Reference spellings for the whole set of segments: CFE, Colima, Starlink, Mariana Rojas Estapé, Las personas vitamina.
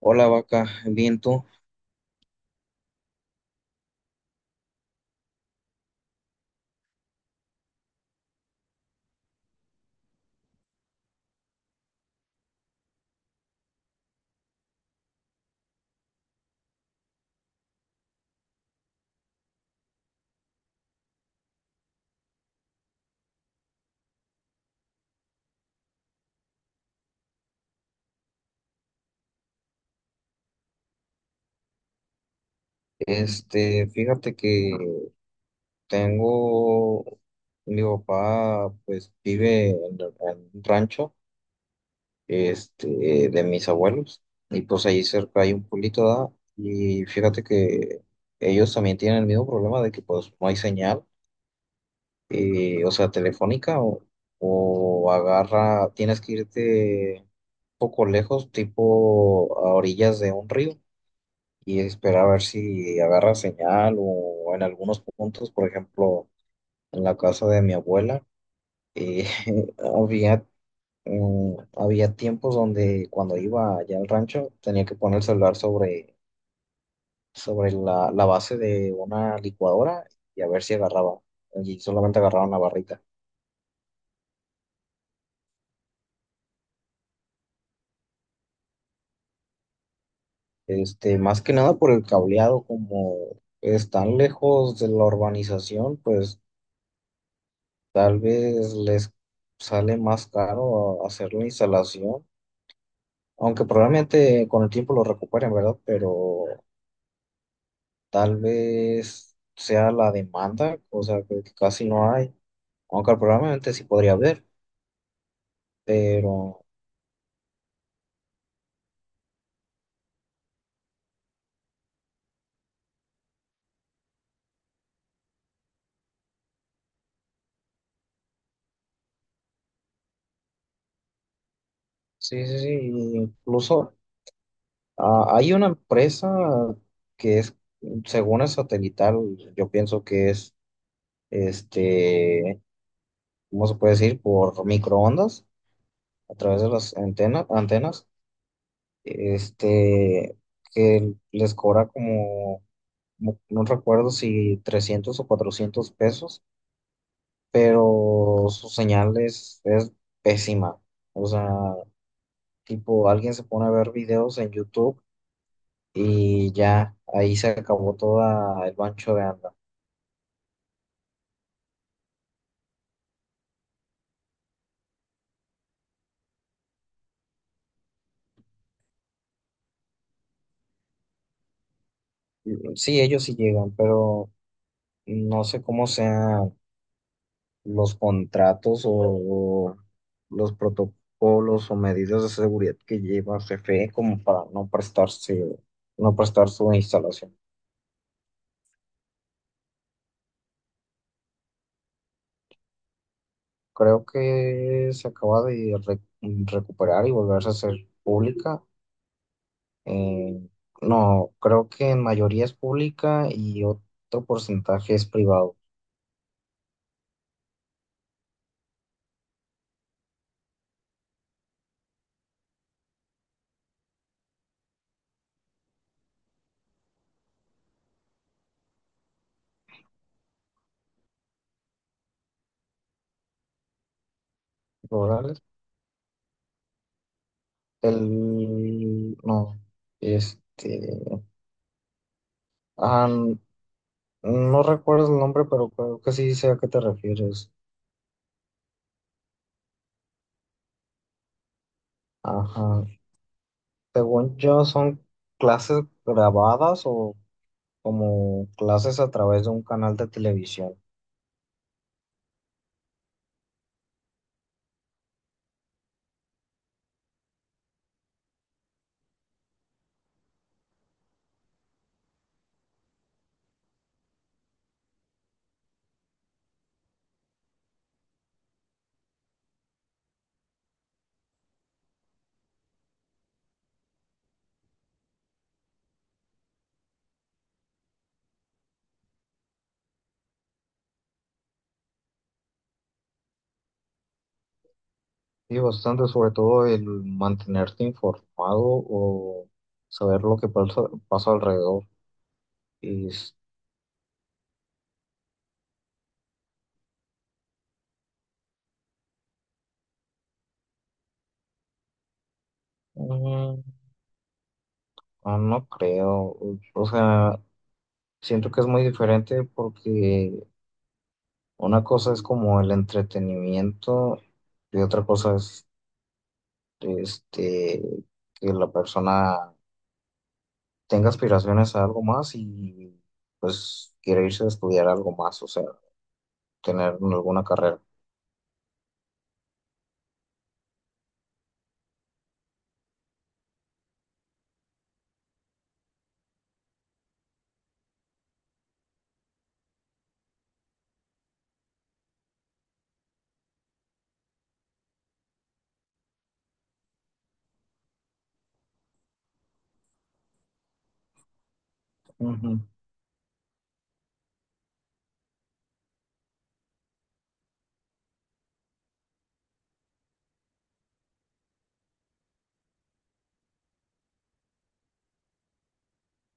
Hola vaca, bien tú. Fíjate que tengo, mi papá pues vive en un rancho, de mis abuelos, y pues ahí cerca hay un pueblito, ¿da? Y fíjate que ellos también tienen el mismo problema de que pues no hay señal, o sea, telefónica o agarra, tienes que irte un poco lejos, tipo a orillas de un río y esperar a ver si agarra señal o en algunos puntos, por ejemplo, en la casa de mi abuela, eh, había, había tiempos donde cuando iba allá al rancho tenía que poner el celular sobre, sobre la base de una licuadora y a ver si agarraba, y solamente agarraba una barrita. Más que nada por el cableado, como están lejos de la urbanización, pues tal vez les sale más caro hacer la instalación. Aunque probablemente con el tiempo lo recuperen, ¿verdad? Pero tal vez sea la demanda, o sea, que casi no hay. Aunque probablemente sí podría haber, pero sí, sí, sí. Incluso hay una empresa que es, según es satelital, yo pienso que es, este, ¿cómo se puede decir? Por microondas, a través de las antenas, este, que les cobra como no, no recuerdo si 300 o $400, pero su señal es pésima. O sea, tipo, alguien se pone a ver videos en YouTube y ya ahí se acabó toda el bancho de anda. Sí, ellos sí llegan, pero no sé cómo sean los contratos o los protocolos o medidas de seguridad que lleva CFE como para no prestarse, no prestar su instalación. Creo que se acaba de recuperar y volverse a hacer pública. Eh, no, creo que en mayoría es pública y otro porcentaje es privado. ¿Rurales? No, este, ah, n- no recuerdo el nombre, pero creo que sí sé a qué te refieres. Ajá. Según yo, son clases grabadas o como clases a través de un canal de televisión. Sí, bastante, sobre todo el mantenerte informado o saber lo que pasa, pasa alrededor. Y es- mm, no creo, o sea, siento que es muy diferente porque una cosa es como el entretenimiento y otra cosa es este, que la persona tenga aspiraciones a algo más y pues quiere irse a estudiar algo más, o sea, tener alguna carrera.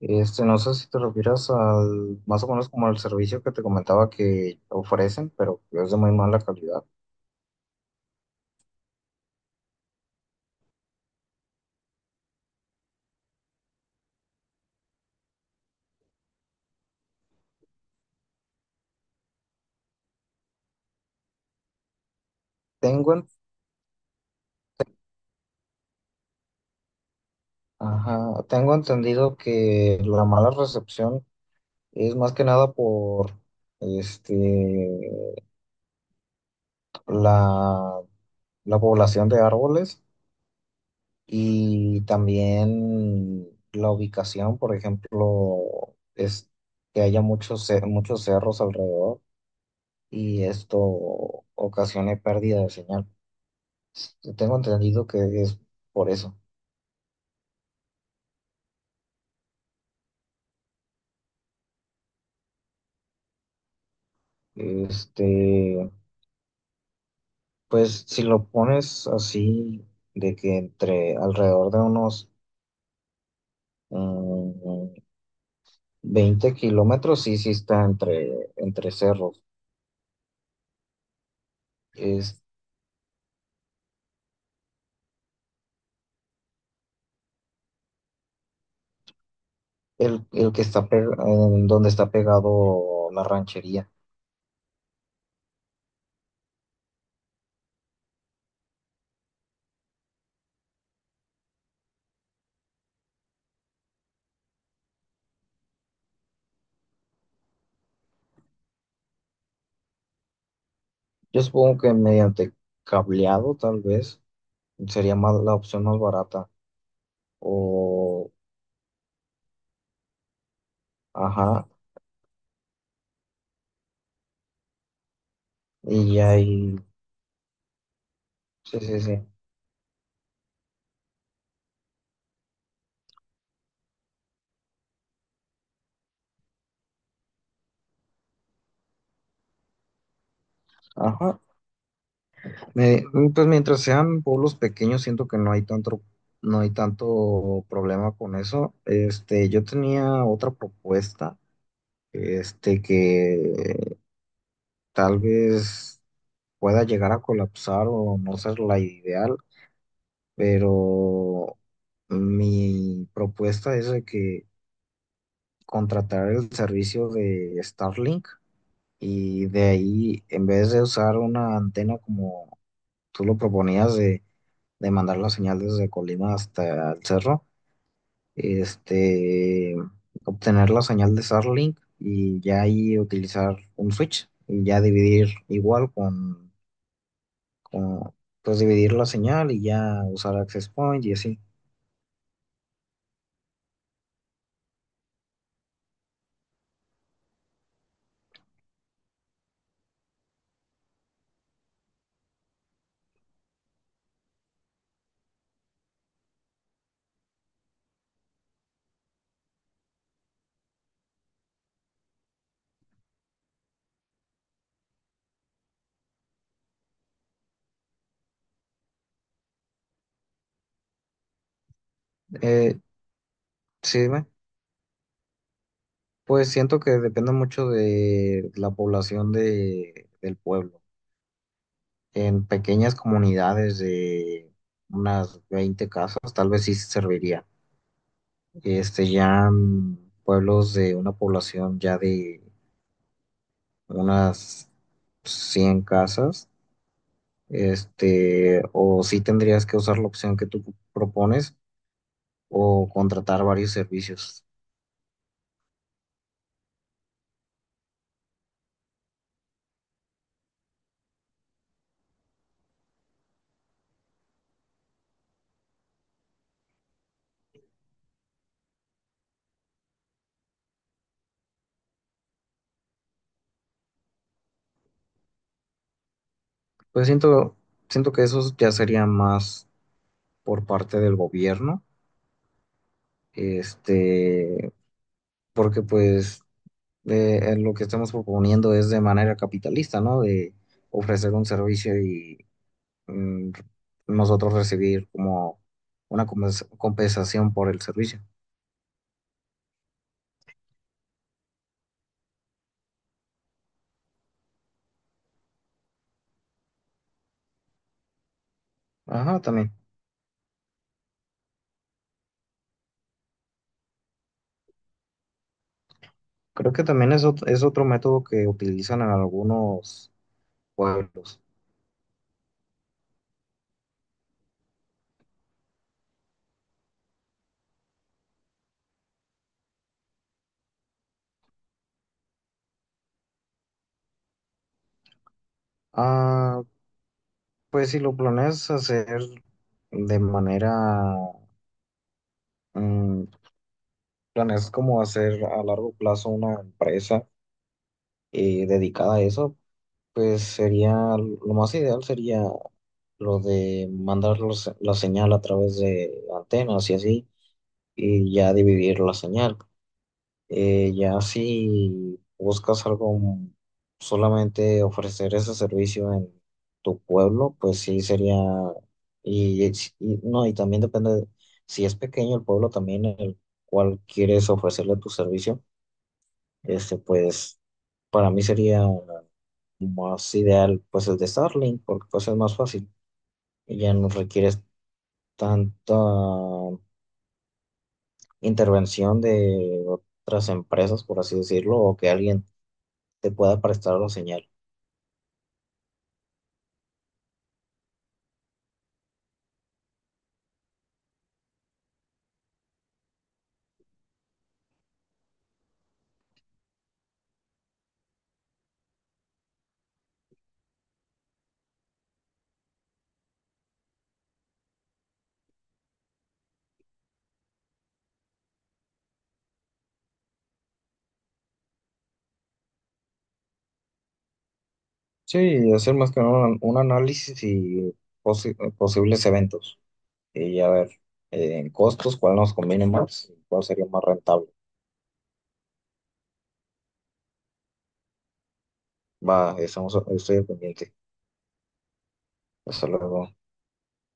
No sé si te refieres al, más o menos como al servicio que te comentaba que ofrecen, pero que es de muy mala calidad. Tengo, en- ajá, tengo entendido que la mala recepción es más que nada por este, la, la población de árboles y también la ubicación, por ejemplo, es que haya muchos, muchos cerros alrededor y esto ocasione pérdida de señal. Tengo entendido que es por eso. Este, pues si lo pones así, de que entre alrededor de unos mm, 20 kilómetros, sí, sí está entre, entre cerros. Es el que está en donde está pegado la ranchería. Yo supongo que mediante cableado, tal vez, sería más la opción más barata. O, ajá, y ahí, sí, sí, sí. Ajá. Eh, pues mientras sean pueblos pequeños, siento que no hay tanto, no hay tanto problema con eso. Yo tenía otra propuesta, que tal vez pueda llegar a colapsar o no ser la ideal, pero mi propuesta es de que contratar el servicio de Starlink y de ahí, en vez de usar una antena como tú lo proponías de mandar la señal desde Colima hasta el cerro, este, obtener la señal de Starlink y ya ahí utilizar un switch y ya dividir igual con pues dividir la señal y ya usar access point y así. Eh, sí, dime. Pues siento que depende mucho de la población de, del pueblo. En pequeñas comunidades de unas 20 casas, tal vez sí serviría este, ya mm, pueblos de una población ya de unas 100 casas, o sí tendrías que usar la opción que tú propones o contratar varios servicios. Pues siento, siento que eso ya sería más por parte del gobierno, este, porque pues lo que estamos proponiendo es de manera capitalista, ¿no? De ofrecer un servicio y mm, nosotros recibir como una compensación por el servicio. Ajá, también. Creo que también es, es otro método que utilizan en algunos pueblos. Ah, pues si lo planeas hacer de manera, mm, planeas como hacer a largo plazo una empresa dedicada a eso, pues sería, lo más ideal sería lo de mandar la señal a través de antenas y así, y ya dividir la señal. Ya si buscas algo, solamente ofrecer ese servicio en tu pueblo, pues sí sería, y, y no, y también depende, si es pequeño el pueblo también en el cual quieres ofrecerle tu servicio, pues para mí sería más ideal pues el de Starlink, porque pues es más fácil y ya no requieres tanta intervención de otras empresas, por así decirlo, o que alguien te pueda prestar la señal. Sí, hacer más que nada un, un análisis y posibles eventos y a ver en costos cuál nos conviene más, y cuál sería más rentable. Va, estamos, estoy al pendiente. Hasta luego.